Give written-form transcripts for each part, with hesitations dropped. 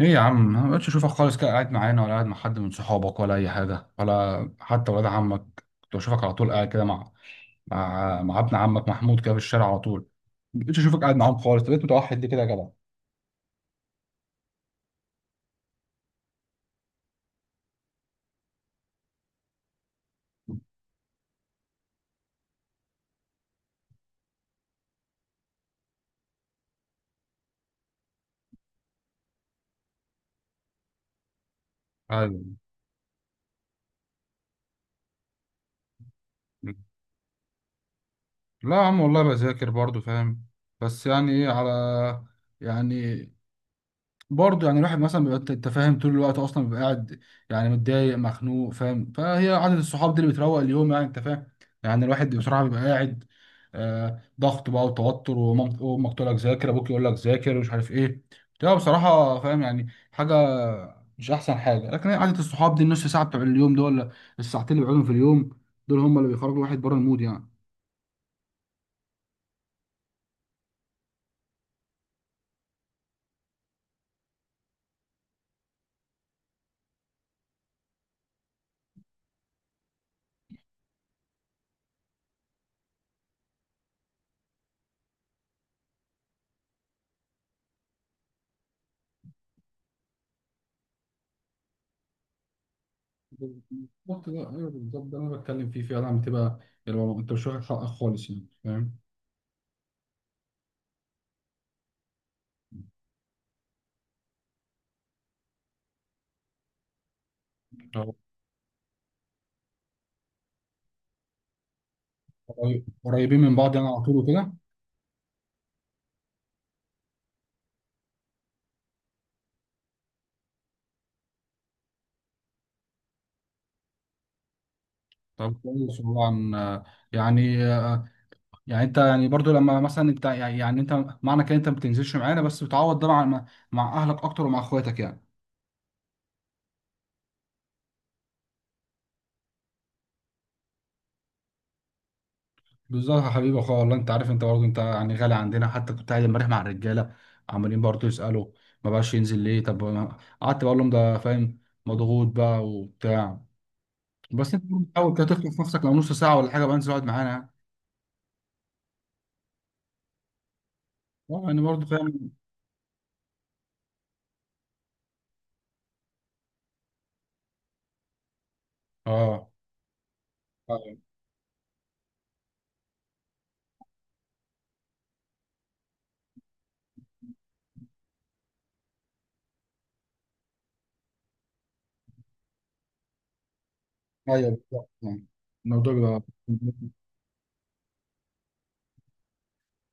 ايه يا عم، ما بقتش اشوفك خالص كده. قاعد معانا ولا قاعد مع حد من صحابك ولا اي حاجه ولا حتى ولاد عمك؟ كنت بشوفك على طول قاعد كده مع ابن عمك محمود كده في الشارع على طول. ما بقتش اشوفك قاعد معاهم خالص. طب بقيت متوحد ليه كده يا جدع؟ ايوه. لا يا عم، والله بذاكر برضو فاهم. بس يعني ايه على، يعني برضه يعني الواحد مثلا بيبقى، انت فاهم، طول الوقت اصلا بيبقى قاعد يعني متضايق مخنوق فاهم. فهي عدد الصحاب دي اللي بتروق اليوم يعني، انت فاهم. يعني الواحد بصراحه بيبقى قاعد آه، ضغط بقى وتوتر وامك تقول لك ذاكر، ابوك يقول لك ذاكر ومش عارف ايه. بتبقى بصراحه فاهم يعني حاجه مش احسن حاجه. لكن هي عدد الصحاب دي، النص ساعه بتوع اليوم دول ولا الساعتين اللي بيقعدهم في اليوم، دول هم اللي بيخرجوا الواحد بره المود يعني. بالظبط ده، ايوه بالظبط ده اللي انا بتكلم فيه فعلا. بتبقى انت مش واخد حقك خالص يعني فاهم. قريبين من بعض يعني، على طول وكده. طب كويس والله. عن يعني، يعني انت يعني برضو لما مثلا انت يعني، يعني انت معنى كده انت ما بتنزلش معانا بس بتعوض ده مع اهلك اكتر ومع اخواتك يعني. بالظبط يا حبيبي اخويا، والله انت عارف، انت برضو انت يعني غالي عندنا. حتى كنت قاعد امبارح مع الرجاله عمالين برضو يسالوا ما بقاش ينزل ليه. طب قعدت بقول لهم ده فاهم، مضغوط بقى وبتاع. بس انت برضو بتحاول كده تخطف نفسك. لو نص ساعه ولا حاجه بقى انزل اقعد معانا يعني. اه يعني برضو فاهم. اه ايوه بالظبط يعني. الموضوع بيبقى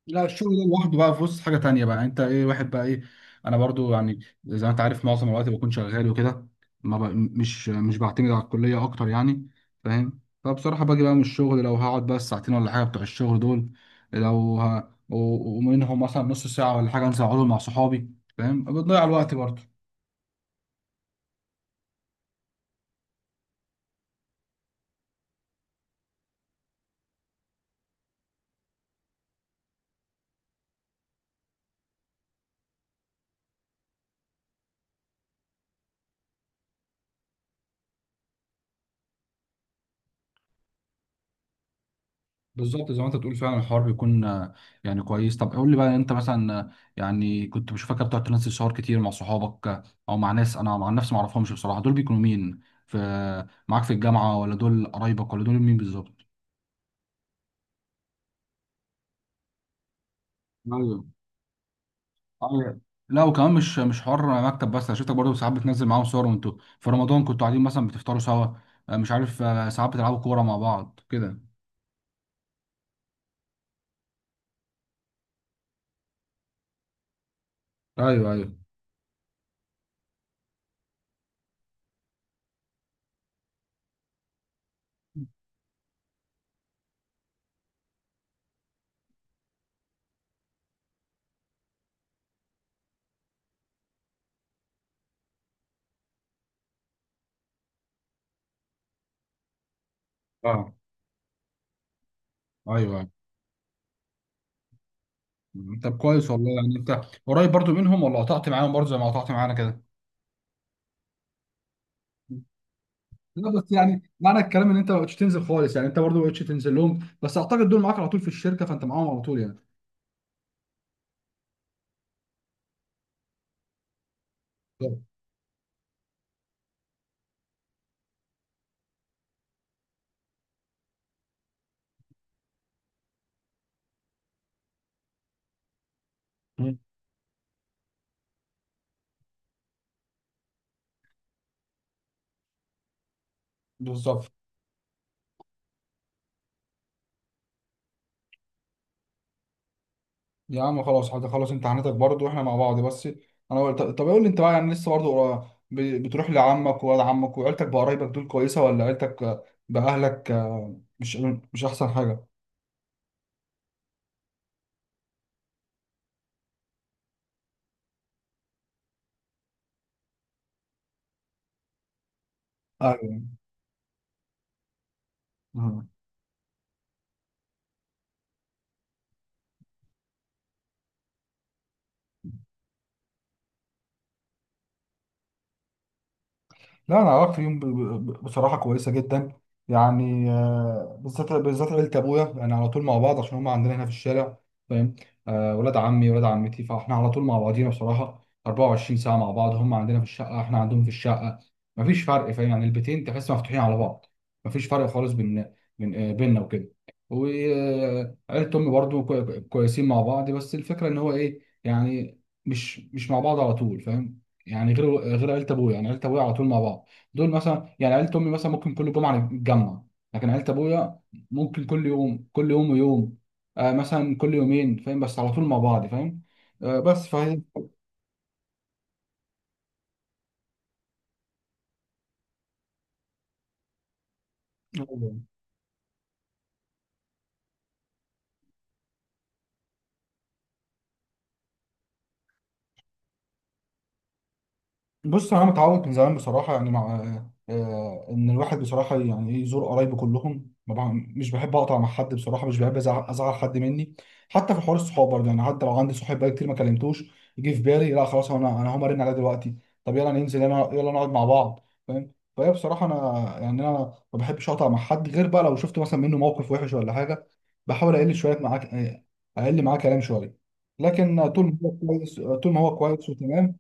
لا الشغل ده لوحده بقى في وسط حاجه تانية بقى، انت ايه واحد بقى ايه. انا برضو يعني زي ما انت عارف معظم الوقت بكون شغال وكده. ما بق... مش مش بعتمد على الكليه اكتر يعني فاهم. فبصراحه باجي بقى من الشغل، لو هقعد بقى الساعتين ولا حاجه بتوع الشغل دول، لو ه... ومنهم مثلا نص ساعه ولا حاجه انزل اقعد مع صحابي فاهم. بتضيع الوقت برضو. بالظبط زي ما انت بتقول. فعلا الحوار بيكون يعني كويس. طب قول لي بقى، انت مثلا يعني كنت بشوفك بتقعد تنزل صور كتير مع صحابك، او مع ناس انا مع نفسي ما اعرفهمش بصراحه. دول بيكونوا مين؟ في معاك في الجامعه ولا دول قرايبك ولا دول مين بالظبط؟ ايوه. أيوة. لا وكمان مش حوار مكتب بس. انا شفتك برضه ساعات بتنزل معاهم صور، وانتوا في رمضان كنتوا قاعدين مثلا بتفطروا سوا مش عارف، ساعات بتلعبوا كوره مع بعض كده. ايوه ايوه. اه ايوه. أيوة. طب كويس والله. يعني انت قريب برضه منهم ولا قطعت معاهم برضه زي ما قطعت معانا كده؟ لا بس يعني معنى الكلام ان انت ما بقتش تنزل خالص يعني. انت برضه ما بقتش تنزل لهم، بس اعتقد دول معاك على طول في الشركه، فانت معاهم على طول يعني. بالظبط. مم. بالظبط. يا عم خلاص هتخلص امتحاناتك برضه واحنا مع بعض بس. انا قلت طب قول لي انت بقى، يعني لسه برضه بتروح لعمك وولاد عمك وعيلتك؟ بقرايبك دول كويسه ولا عيلتك باهلك مش احسن حاجه؟ ايوه. لا انا علاقتي بيهم بصراحه كويسه جدا. يعني بالذات عيله ابويا يعني على طول مع بعض، عشان هم عندنا هنا في الشارع فاهم. ولاد عمي ولاد عمتي، فاحنا على طول مع بعضينا بصراحه 24 ساعه مع بعض. هم عندنا في الشقه، احنا عندهم في الشقه. مفيش فرق فاهم يعني. البيتين تحس مفتوحين على بعض، مفيش فرق خالص بيننا وكده. وعيله امي برضو كويسين مع بعض، بس الفكره ان هو ايه يعني، مش مع بعض على طول فاهم. يعني غير عيله ابويا، يعني عيله ابويا على طول مع بعض. دول مثلا، يعني عيله امي مثلا ممكن كل جمعه نتجمع، لكن عيله ابويا ممكن كل يوم، كل يوم ويوم آه مثلا كل يومين فاهم، بس على طول مع بعض فاهم. آه بس فاهم. بص انا متعود من زمان بصراحه، يعني مع ان الواحد بصراحه يعني ايه، يزور قرايبه كلهم. ما بع- مش بحب اقطع مع حد بصراحه، مش بحب ازعل، أزعل حد مني. حتى في حوار الصحاب برضه، يعني حتى لو عندي صاحب بقى كتير ما كلمتوش، يجي في بالي لا خلاص، انا هقوم ارن عليه دلوقتي. طب يلا ننزل، يلا يلا نقعد مع بعض فاهم. فهي بصراحه انا يعني انا ما بحبش اقطع مع حد، غير بقى لو شفت مثلا منه موقف وحش ولا حاجه. بحاول اقل شويه معاك، اقل معاه كلام شويه، لكن طول ما هو كويس، طول ما هو كويس وتمام.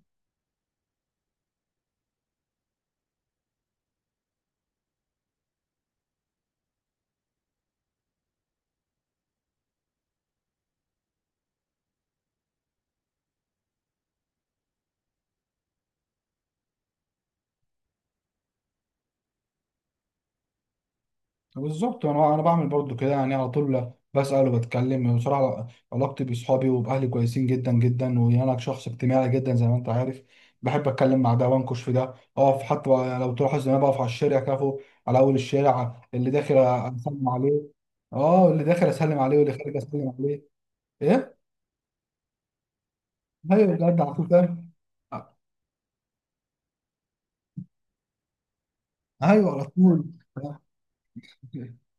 بالظبط. انا بعمل برضو كده يعني، على طول بسأل وبتكلم بصراحة. علاقتي بصحابي وبأهلي كويسين جدا جدا، وانا شخص اجتماعي جدا زي ما انت عارف. بحب اتكلم مع ده وانكش في ده، اقف حتى لو تلاحظ ان انا بقف على الشارع كافو، على اول الشارع اللي داخل اسلم عليه. اه، اللي داخل اسلم عليه واللي خارج اسلم عليه. ايه؟ ايوه بجد، على طول فاهم. ايوه على طول.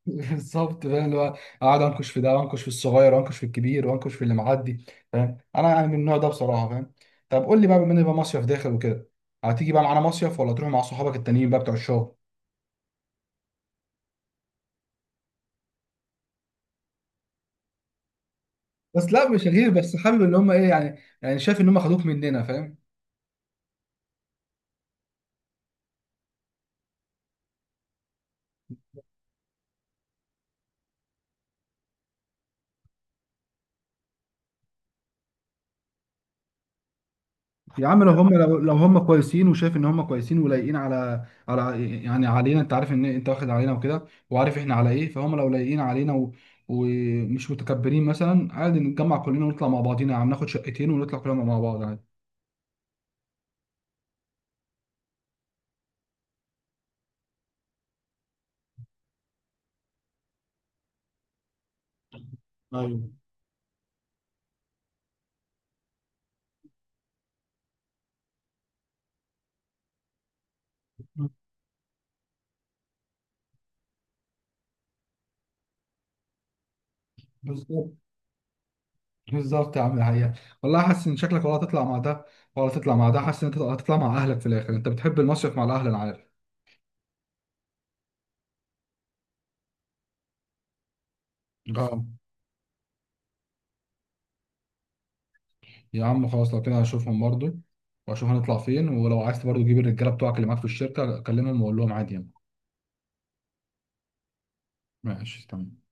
بالظبط فاهم، اللي هو اقعد انكش في ده، وانكش في الصغير وانكش في الكبير وانكش في اللي معدي فاهم. انا يعني من النوع ده بصراحه فاهم. طب قول لي بقى، بما ان بقى مصيف داخل وكده، هتيجي بقى معانا مصيف ولا تروح مع صحابك التانيين بقى بتوع الشغل؟ بس لا مش غير، بس حابب اللي هم ايه يعني، يعني شايف ان هم خدوك مننا فاهم. يا عم لو هم، لو هم كويسين وشايف ان هم كويسين ولايقين على يعني علينا، انت عارف ان انت واخد علينا وكده، وعارف احنا على ايه. فهم لو لايقين علينا ومش متكبرين، مثلا عادي نتجمع كلنا ونطلع مع بعضينا يا عم، ناخد شقتين ونطلع كلنا مع بعض عادي. ايوه بالظبط. بالظبط يا عم الحقيقة. والله حاسس ان شكلك ولا هتطلع مع ده ولا هتطلع مع ده. حاسس ان انت هتطلع مع اهلك في الاخر، انت بتحب المصيف مع الاهل انا عارف. اه يا عم خلاص، لو كده هشوفهم برضو واشوف هنطلع فين. ولو عايز برضو تجيب الرجاله بتوعك اللي معاك في الشركه، كلمهم وقول لهم عادي يعني. ماشي تمام.